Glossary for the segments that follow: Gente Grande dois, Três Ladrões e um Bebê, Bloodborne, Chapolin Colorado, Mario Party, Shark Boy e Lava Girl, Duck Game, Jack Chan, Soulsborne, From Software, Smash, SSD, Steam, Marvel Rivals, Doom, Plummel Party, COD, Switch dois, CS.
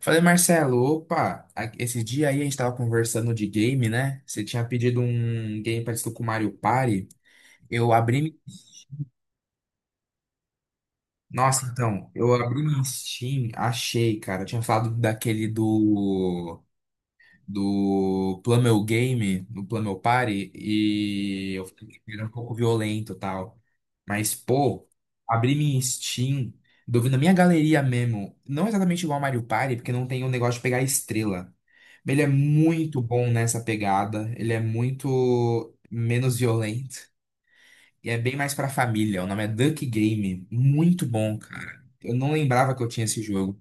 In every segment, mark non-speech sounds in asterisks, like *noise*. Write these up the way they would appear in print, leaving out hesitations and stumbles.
Falei, Marcelo, opa, esse dia aí a gente tava conversando de game, né? Você tinha pedido um game parecido com o Mario Party. Eu abri. Nossa, então, eu abri no Steam, achei, cara. Eu tinha falado daquele do Plummel Game, do Plummel Party, e eu fiquei que era um pouco violento e tal. Mas, pô, abri minha Steam, na minha galeria mesmo. Não exatamente igual ao Mario Party, porque não tem o negócio de pegar estrela. Ele é muito bom nessa pegada. Ele é muito menos violento. E é bem mais pra família. O nome é Duck Game. Muito bom, cara. Eu não lembrava que eu tinha esse jogo.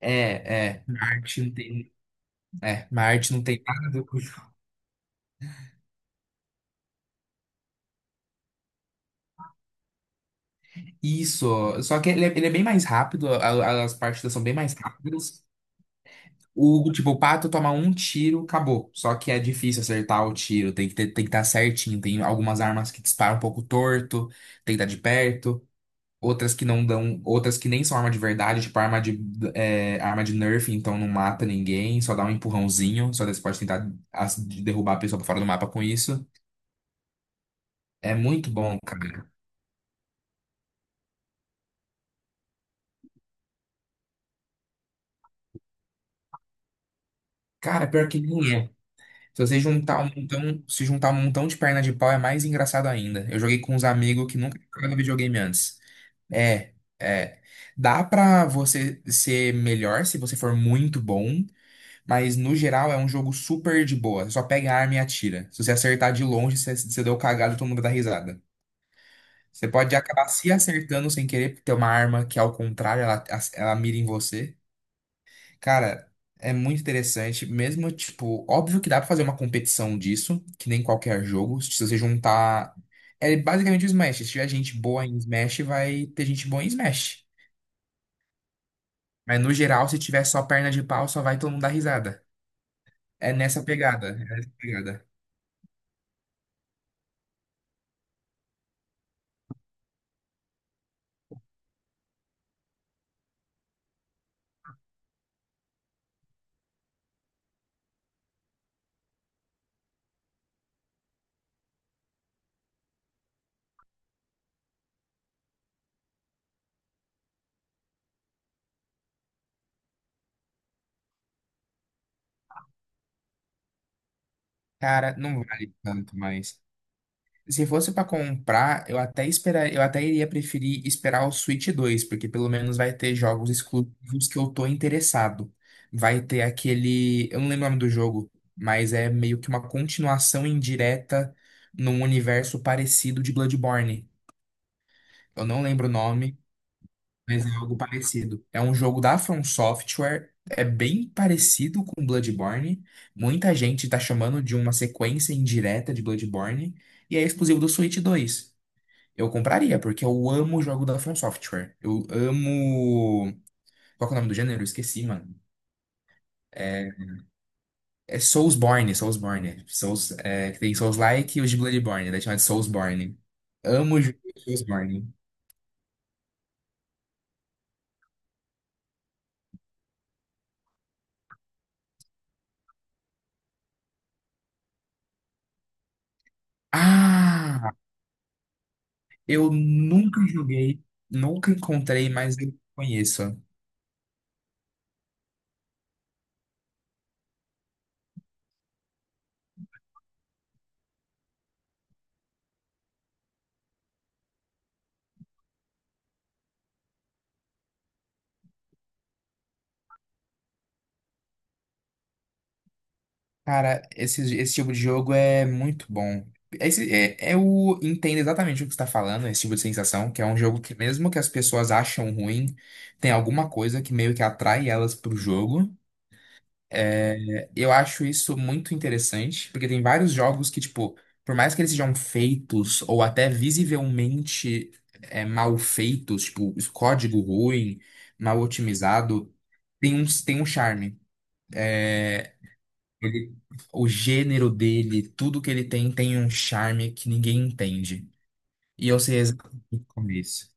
É, é. Marte não tem. É, Marte não tem nada do. Isso. Isso. Só que ele é bem mais rápido. As partidas são bem mais rápidas. O, tipo, o pato toma um tiro, acabou. Só que é difícil acertar o tiro. Tem que estar certinho. Tem algumas armas que disparam um pouco torto. Tem que estar de perto. Outras que não dão, outras que nem são arma de verdade, tipo arma de, arma de Nerf, então não mata ninguém, só dá um empurrãozinho, só daí você pode tentar de derrubar a pessoa pra fora do mapa com isso. É muito bom, cara. Cara, pior que nem é. Se você juntar um montão, se juntar um montão de perna de pau é mais engraçado ainda. Eu joguei com uns amigos que nunca jogaram videogame antes. É, é. Dá pra você ser melhor se você for muito bom, mas no geral é um jogo super de boa. Você só pega a arma e atira. Se você acertar de longe, você deu cagada e todo mundo dá risada. Você pode acabar se acertando sem querer, porque tem uma arma que, ao contrário, ela mira em você. Cara, é muito interessante. Mesmo, tipo, óbvio que dá pra fazer uma competição disso, que nem qualquer jogo. Se você juntar. É basicamente o Smash. Se tiver gente boa em Smash, vai ter gente boa em Smash. Mas no geral, se tiver só perna de pau, só vai todo mundo dar risada. É nessa pegada. É nessa pegada. Cara, não vale tanto, mais se fosse pra comprar, eu até iria preferir esperar o Switch dois, porque pelo menos vai ter jogos exclusivos que eu tô interessado. Vai ter aquele, eu não lembro o nome do jogo, mas é meio que uma continuação indireta num universo parecido de Bloodborne. Eu não lembro o nome, mas é algo parecido. É um jogo da From Software, é bem parecido com Bloodborne. Muita gente tá chamando de uma sequência indireta de Bloodborne, e é exclusivo do Switch dois. Eu compraria, porque eu amo o jogo da From Software. Eu amo. Qual que é o nome do gênero? Eu esqueci, mano. É, é Soulsborne, Soulsborne. Que tem Souls-like e os de Bloodborne, daí chama de Soulsborne. Amo o jogo de Soulsborne. Ah! Eu nunca joguei, nunca encontrei, mas eu conheço. Cara, esse tipo de jogo é muito bom. Esse, eu entendo exatamente o que você está falando, esse tipo de sensação, que é um jogo que, mesmo que as pessoas acham ruim, tem alguma coisa que meio que atrai elas pro jogo. Eu acho isso muito interessante, porque tem vários jogos que, tipo, por mais que eles sejam feitos ou até visivelmente, mal feitos, tipo, esse código ruim, mal otimizado, tem um charme. É, ele- o gênero dele, tudo que ele tem, tem um charme que ninguém entende. E eu sei exatamente como é isso.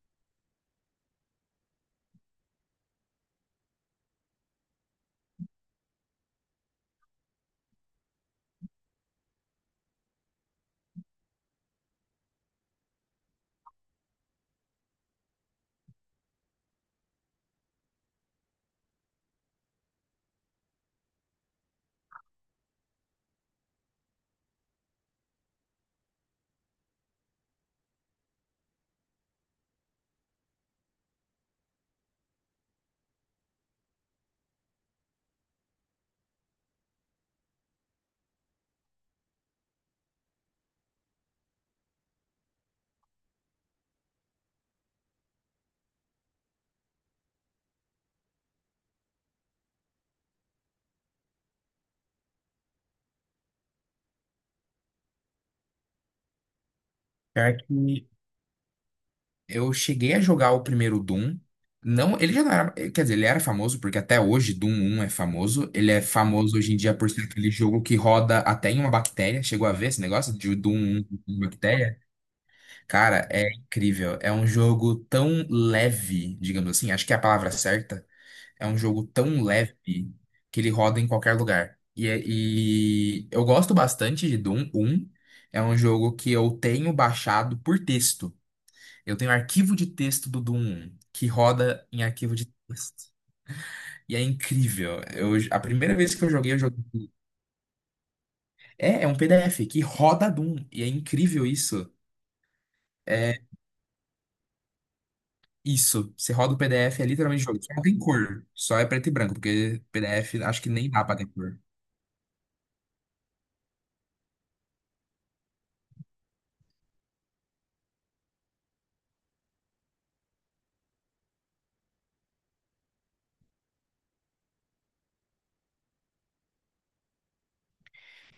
Pior que eu cheguei a jogar o primeiro Doom. Não, ele já não era, quer dizer, ele era famoso, porque até hoje Doom um é famoso. Ele é famoso hoje em dia por ser aquele jogo que roda até em uma bactéria. Chegou a ver esse negócio de Doom 1 em bactéria? Cara, é incrível. É um jogo tão leve, digamos assim, acho que é a palavra certa. É um jogo tão leve que ele roda em qualquer lugar. E, e eu gosto bastante de Doom um. É um jogo que eu tenho baixado por texto. Eu tenho arquivo de texto do Doom 1, que roda em arquivo de texto. E é incrível. Eu, a primeira vez que eu joguei, eu joguei. É, é um PDF que roda Doom. E é incrível isso. É isso. Você roda o PDF, é literalmente jogo. Só não tem cor. Só é preto e branco, porque PDF acho que nem dá pra ter cor.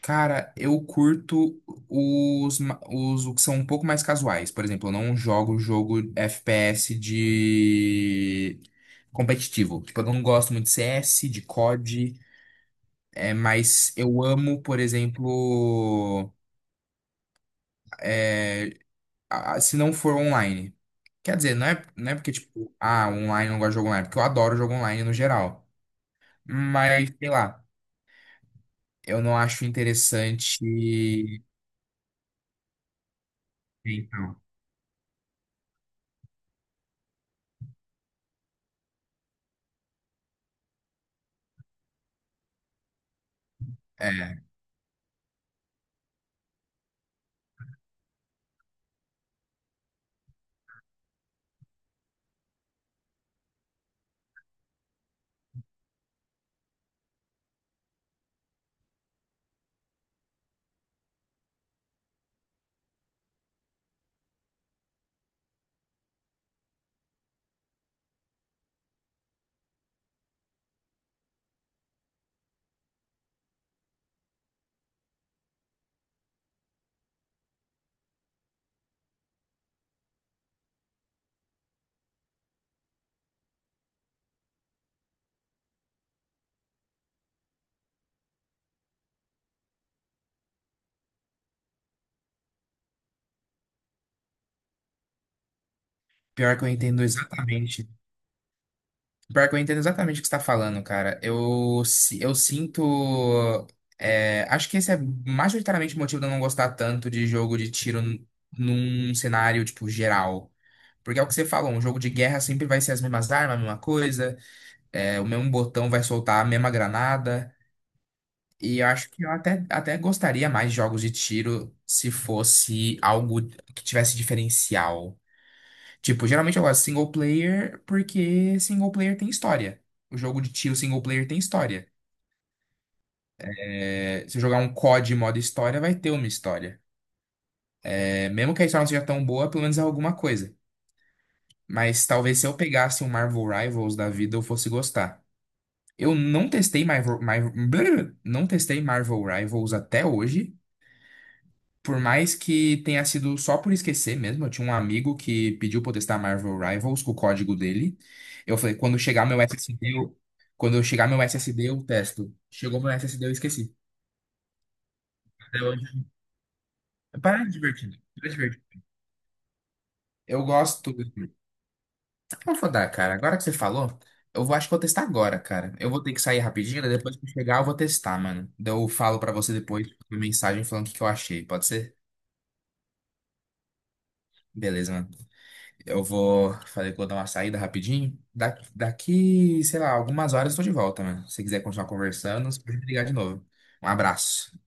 Cara, eu curto os que são um pouco mais casuais. Por exemplo, eu não jogo jogo FPS de competitivo. Tipo, eu não gosto muito de CS, de COD. É, mas eu amo, por exemplo, é, se não for online. Quer dizer, não é porque, tipo, ah, online eu não gosto de jogo online, é porque eu adoro jogo online no geral. Mas, sei lá, eu não acho interessante. Então, é, pior que eu entendo exatamente. Pior que eu entendo exatamente o que você está falando, cara. Eu sinto. Acho que esse é majoritariamente o motivo de eu não gostar tanto de jogo de tiro, num cenário, tipo, geral. Porque é o que você falou, um jogo de guerra sempre vai ser as mesmas armas, a mesma coisa, o mesmo botão vai soltar a mesma granada. E eu acho que até gostaria mais de jogos de tiro se fosse algo que tivesse diferencial. Tipo, geralmente eu gosto de single player, porque single player tem história. O jogo de tiro single player tem história. É, se eu jogar um COD modo história, vai ter uma história. É, mesmo que a história não seja tão boa, pelo menos é alguma coisa. Mas talvez se eu pegasse um Marvel Rivals da vida, eu fosse gostar. Eu não testei Marvel, Marvel, *grunts* não testei Marvel Rivals até hoje, por mais que tenha sido só por esquecer mesmo. Eu tinha um amigo que pediu pra eu testar Marvel Rivals com o código dele. Eu falei, quando chegar meu SSD, quando eu chegar meu SSD, eu testo. Chegou meu SSD, eu esqueci. Até hoje. Para divertido, para divertido. Eu gosto. Eu vou dar, cara. Agora que você falou, acho que vou testar agora, cara. Eu vou ter que sair rapidinho, daí depois que eu chegar eu vou testar, mano. Daí eu falo pra você depois uma mensagem falando o que que eu achei. Pode ser? Beleza, mano. Eu vou, falei que vou dar uma saída rapidinho. Daqui, sei lá, algumas horas eu tô de volta, mano. Se você quiser continuar conversando, você pode me ligar de novo. Um abraço.